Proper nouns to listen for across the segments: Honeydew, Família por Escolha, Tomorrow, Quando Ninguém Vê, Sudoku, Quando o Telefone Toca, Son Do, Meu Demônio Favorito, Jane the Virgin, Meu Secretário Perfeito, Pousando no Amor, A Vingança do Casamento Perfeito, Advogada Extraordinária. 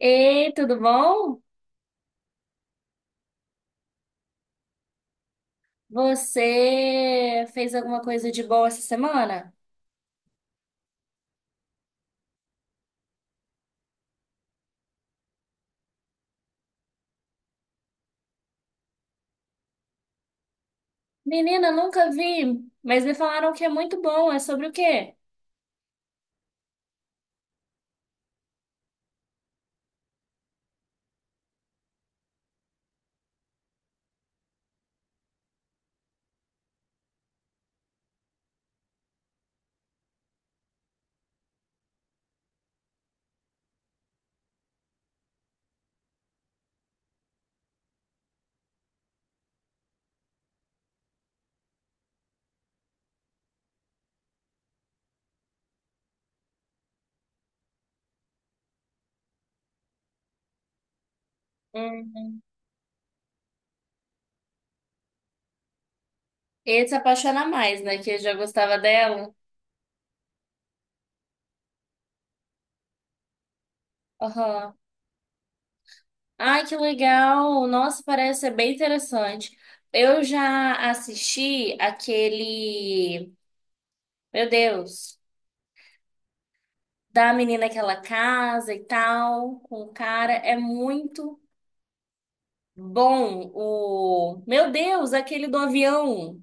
Ei, tudo bom? Você fez alguma coisa de boa essa semana? Menina, nunca vi, mas me falaram que é muito bom. É sobre o quê? Hum. Ele se apaixona mais, né? Que eu já gostava dela. Aham. Ai, que legal! Nossa, parece ser bem interessante. Eu já assisti aquele. Meu Deus! Da menina que ela casa e tal, com o cara. É muito Bom, o. Meu Deus, aquele do avião!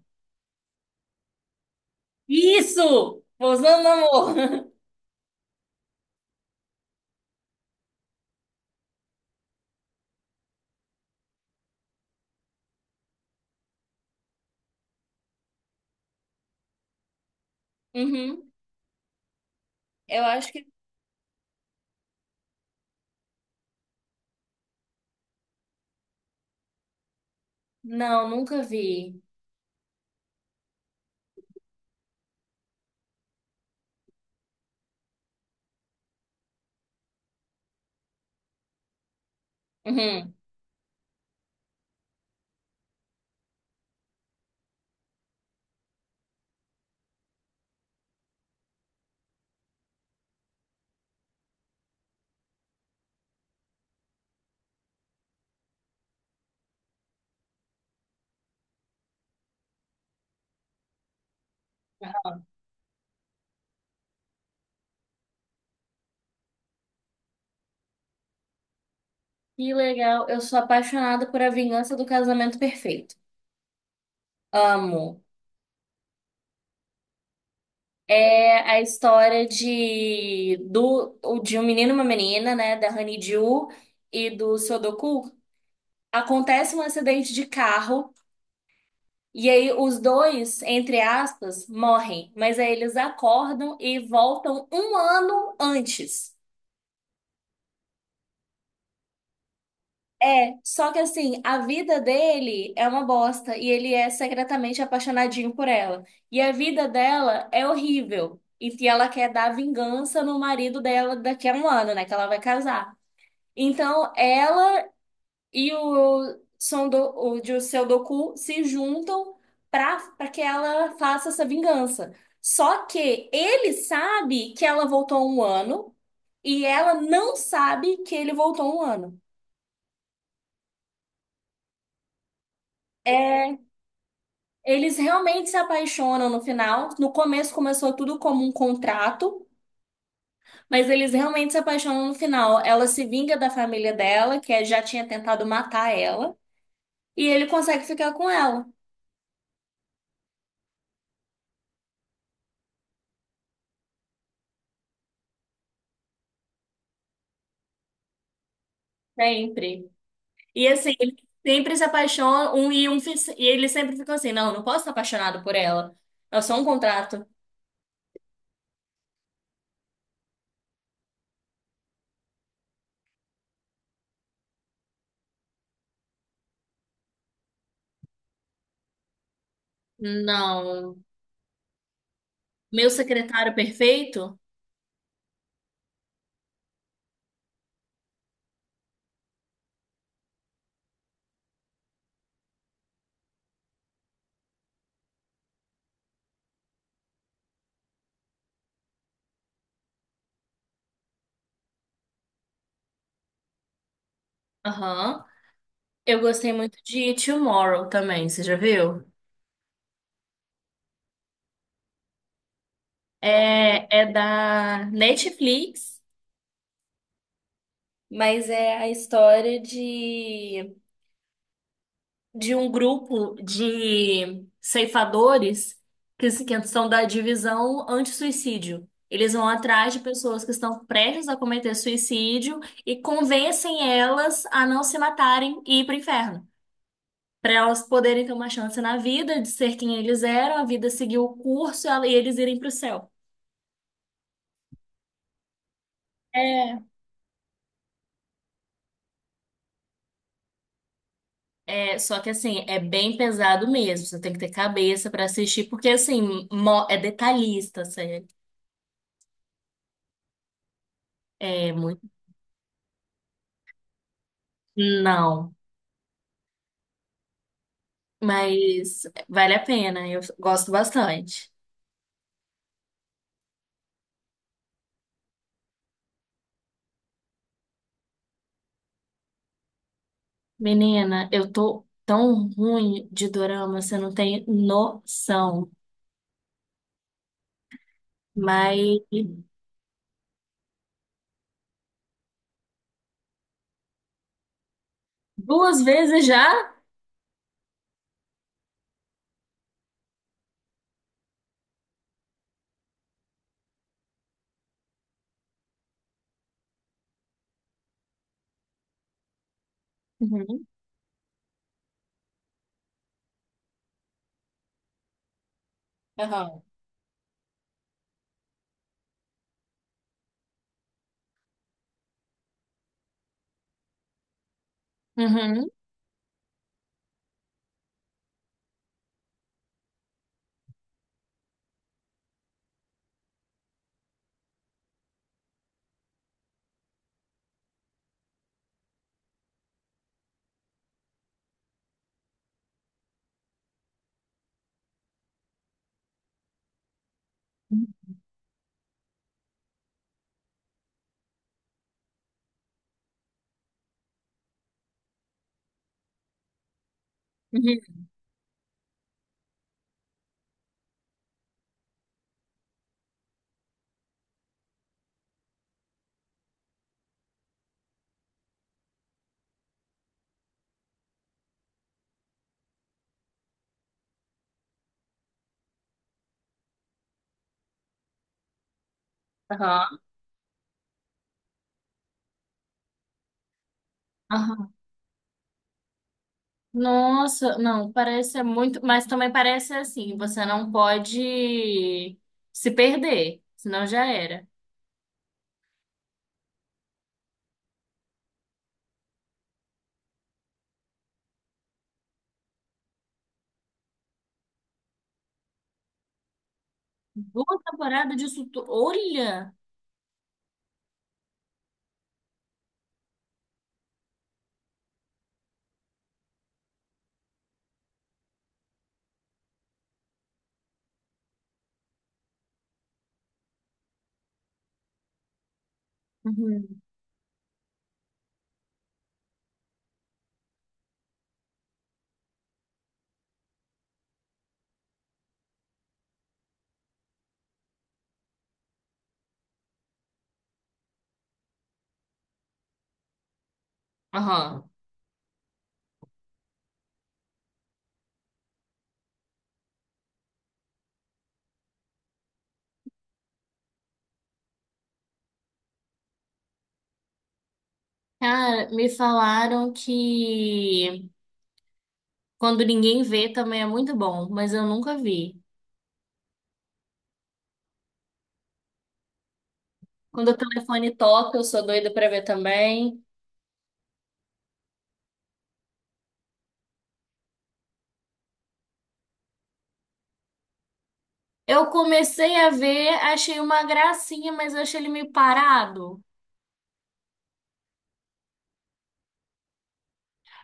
Isso! Pousando no amor! Uhum. Eu acho que. Não, nunca vi. Uhum. Que legal. Eu sou apaixonada por A Vingança do Casamento Perfeito. Amo. É a história de um menino e uma menina, né? Da Honeydew e do Sudoku. Acontece um acidente de carro. E aí os dois, entre aspas, morrem, mas aí eles acordam e voltam um ano antes. É, só que assim, a vida dele é uma bosta e ele é secretamente apaixonadinho por ela. E a vida dela é horrível. E que ela quer dar vingança no marido dela daqui a um ano, né? Que ela vai casar. Então, ela e o, Son Do, o de Seu Doku se juntam para que ela faça essa vingança. Só que ele sabe que ela voltou um ano e ela não sabe que ele voltou um ano. Eles realmente se apaixonam no final. No começo começou tudo como um contrato, mas eles realmente se apaixonam no final. Ela se vinga da família dela, que já tinha tentado matar ela, e ele consegue ficar com ela sempre. E assim, ele sempre se apaixona, e ele sempre fica assim, não, não posso estar apaixonado por ela. É só um contrato. Não. Meu secretário perfeito? Aham. Eu gostei muito de Tomorrow também, você já viu? É, é da Netflix, mas é a história de um grupo de ceifadores que, se- que são da divisão anti-suicídio. Eles vão atrás de pessoas que estão prestes a cometer suicídio e convencem elas a não se matarem e ir para o inferno. Para elas poderem ter uma chance na vida de ser quem eles eram, a vida seguir o curso e e eles irem para o céu. É, É, só que assim, é bem pesado mesmo. Você tem que ter cabeça pra assistir, porque assim, é detalhista, sério. É muito. Não. Mas vale a pena, eu gosto bastante. Menina, eu tô tão ruim de dorama, você não tem noção. Mas duas vezes já? Uhum. Aham. Uhum. Uhum. Aham. Aham. Nossa, não, parece é muito, mas também parece assim, você não pode se perder, senão já era. Duas temporadas disso, olha. Uhum. Aham. Cara, me falaram que quando ninguém vê também é muito bom, mas eu nunca vi. Quando o telefone toca, eu sou doida pra ver também. Eu comecei a ver, achei uma gracinha, mas eu achei ele meio parado.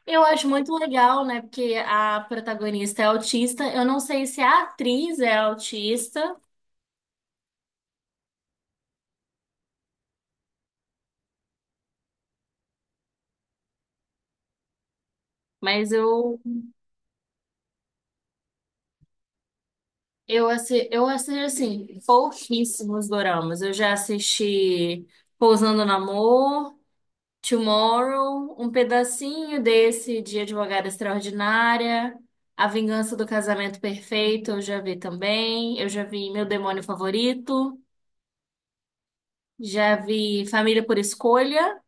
Eu acho muito legal, né? Porque a protagonista é autista. Eu não sei se a atriz é autista, mas eu assisto assim pouquíssimos doramas. Eu já assisti Pousando no Amor. Tomorrow, um pedacinho desse de Advogada Extraordinária, A Vingança do Casamento Perfeito, eu já vi também. Eu já vi Meu Demônio Favorito, já vi Família por Escolha.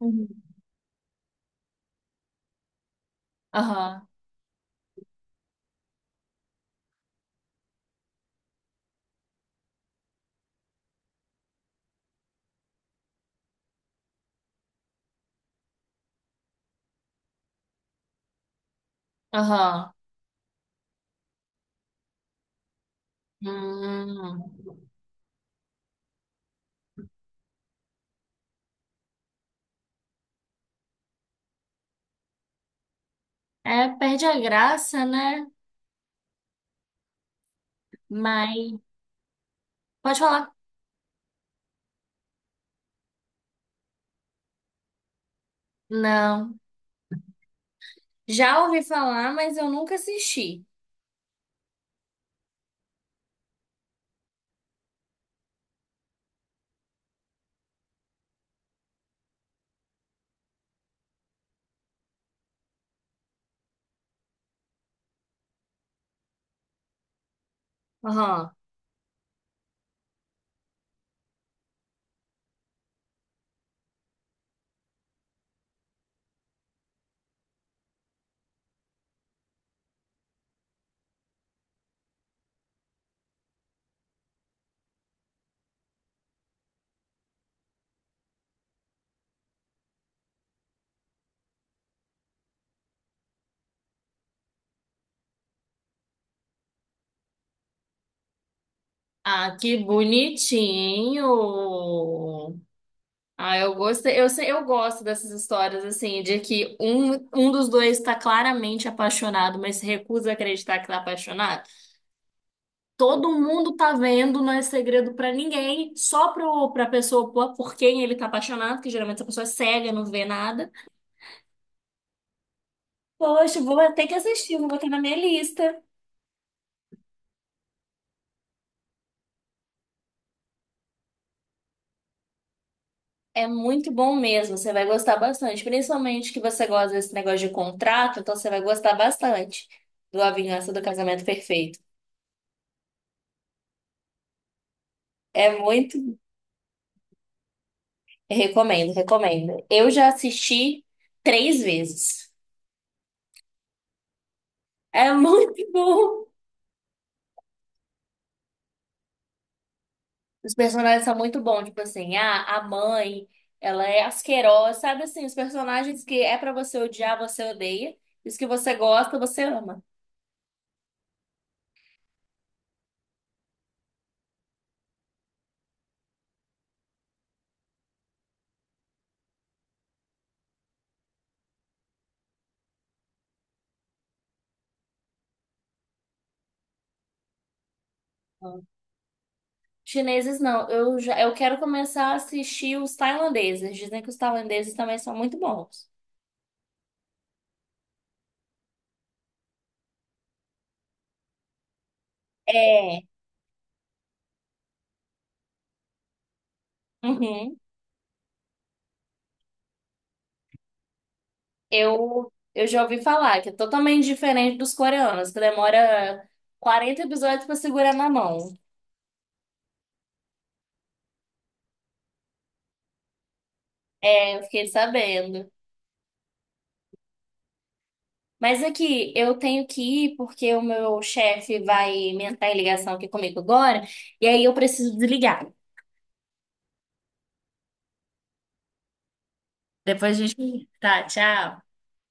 Uhum. Aham, aham. Hum. É, perde a graça, né? Mas. Pode falar. Não. Já ouvi falar, mas eu nunca assisti. Aham. Ah, que bonitinho! Ah, eu gostei, eu sei, eu gosto dessas histórias assim, de que um dos dois está claramente apaixonado, mas se recusa a acreditar que tá apaixonado. Todo mundo tá vendo, não é segredo pra ninguém, só pro, pra pessoa por quem ele tá apaixonado, que geralmente essa pessoa é cega, não vê nada. Poxa, vou ter que assistir, vou botar na minha lista. É muito bom mesmo, você vai gostar bastante, principalmente que você gosta desse negócio de contrato, então você vai gostar bastante do A Vingança do Casamento Perfeito. É muito Recomendo, recomendo. Eu já assisti três vezes. É muito bom. Os personagens são muito bons, tipo assim, a mãe, ela é asquerosa, sabe assim, os personagens que é pra você odiar, você odeia, e os que você gosta, você ama. Não. Chineses não, eu já, eu quero começar a assistir os tailandeses. Dizem que os tailandeses também são muito bons. É. Uhum. Eu já ouvi falar que é totalmente diferente dos coreanos, que demora 40 episódios pra segurar na mão. É, eu fiquei sabendo. Mas aqui, eu tenho que ir porque o meu chefe vai entrar em ligação aqui comigo agora, e aí eu preciso desligar. Depois a gente. Tá, tchau.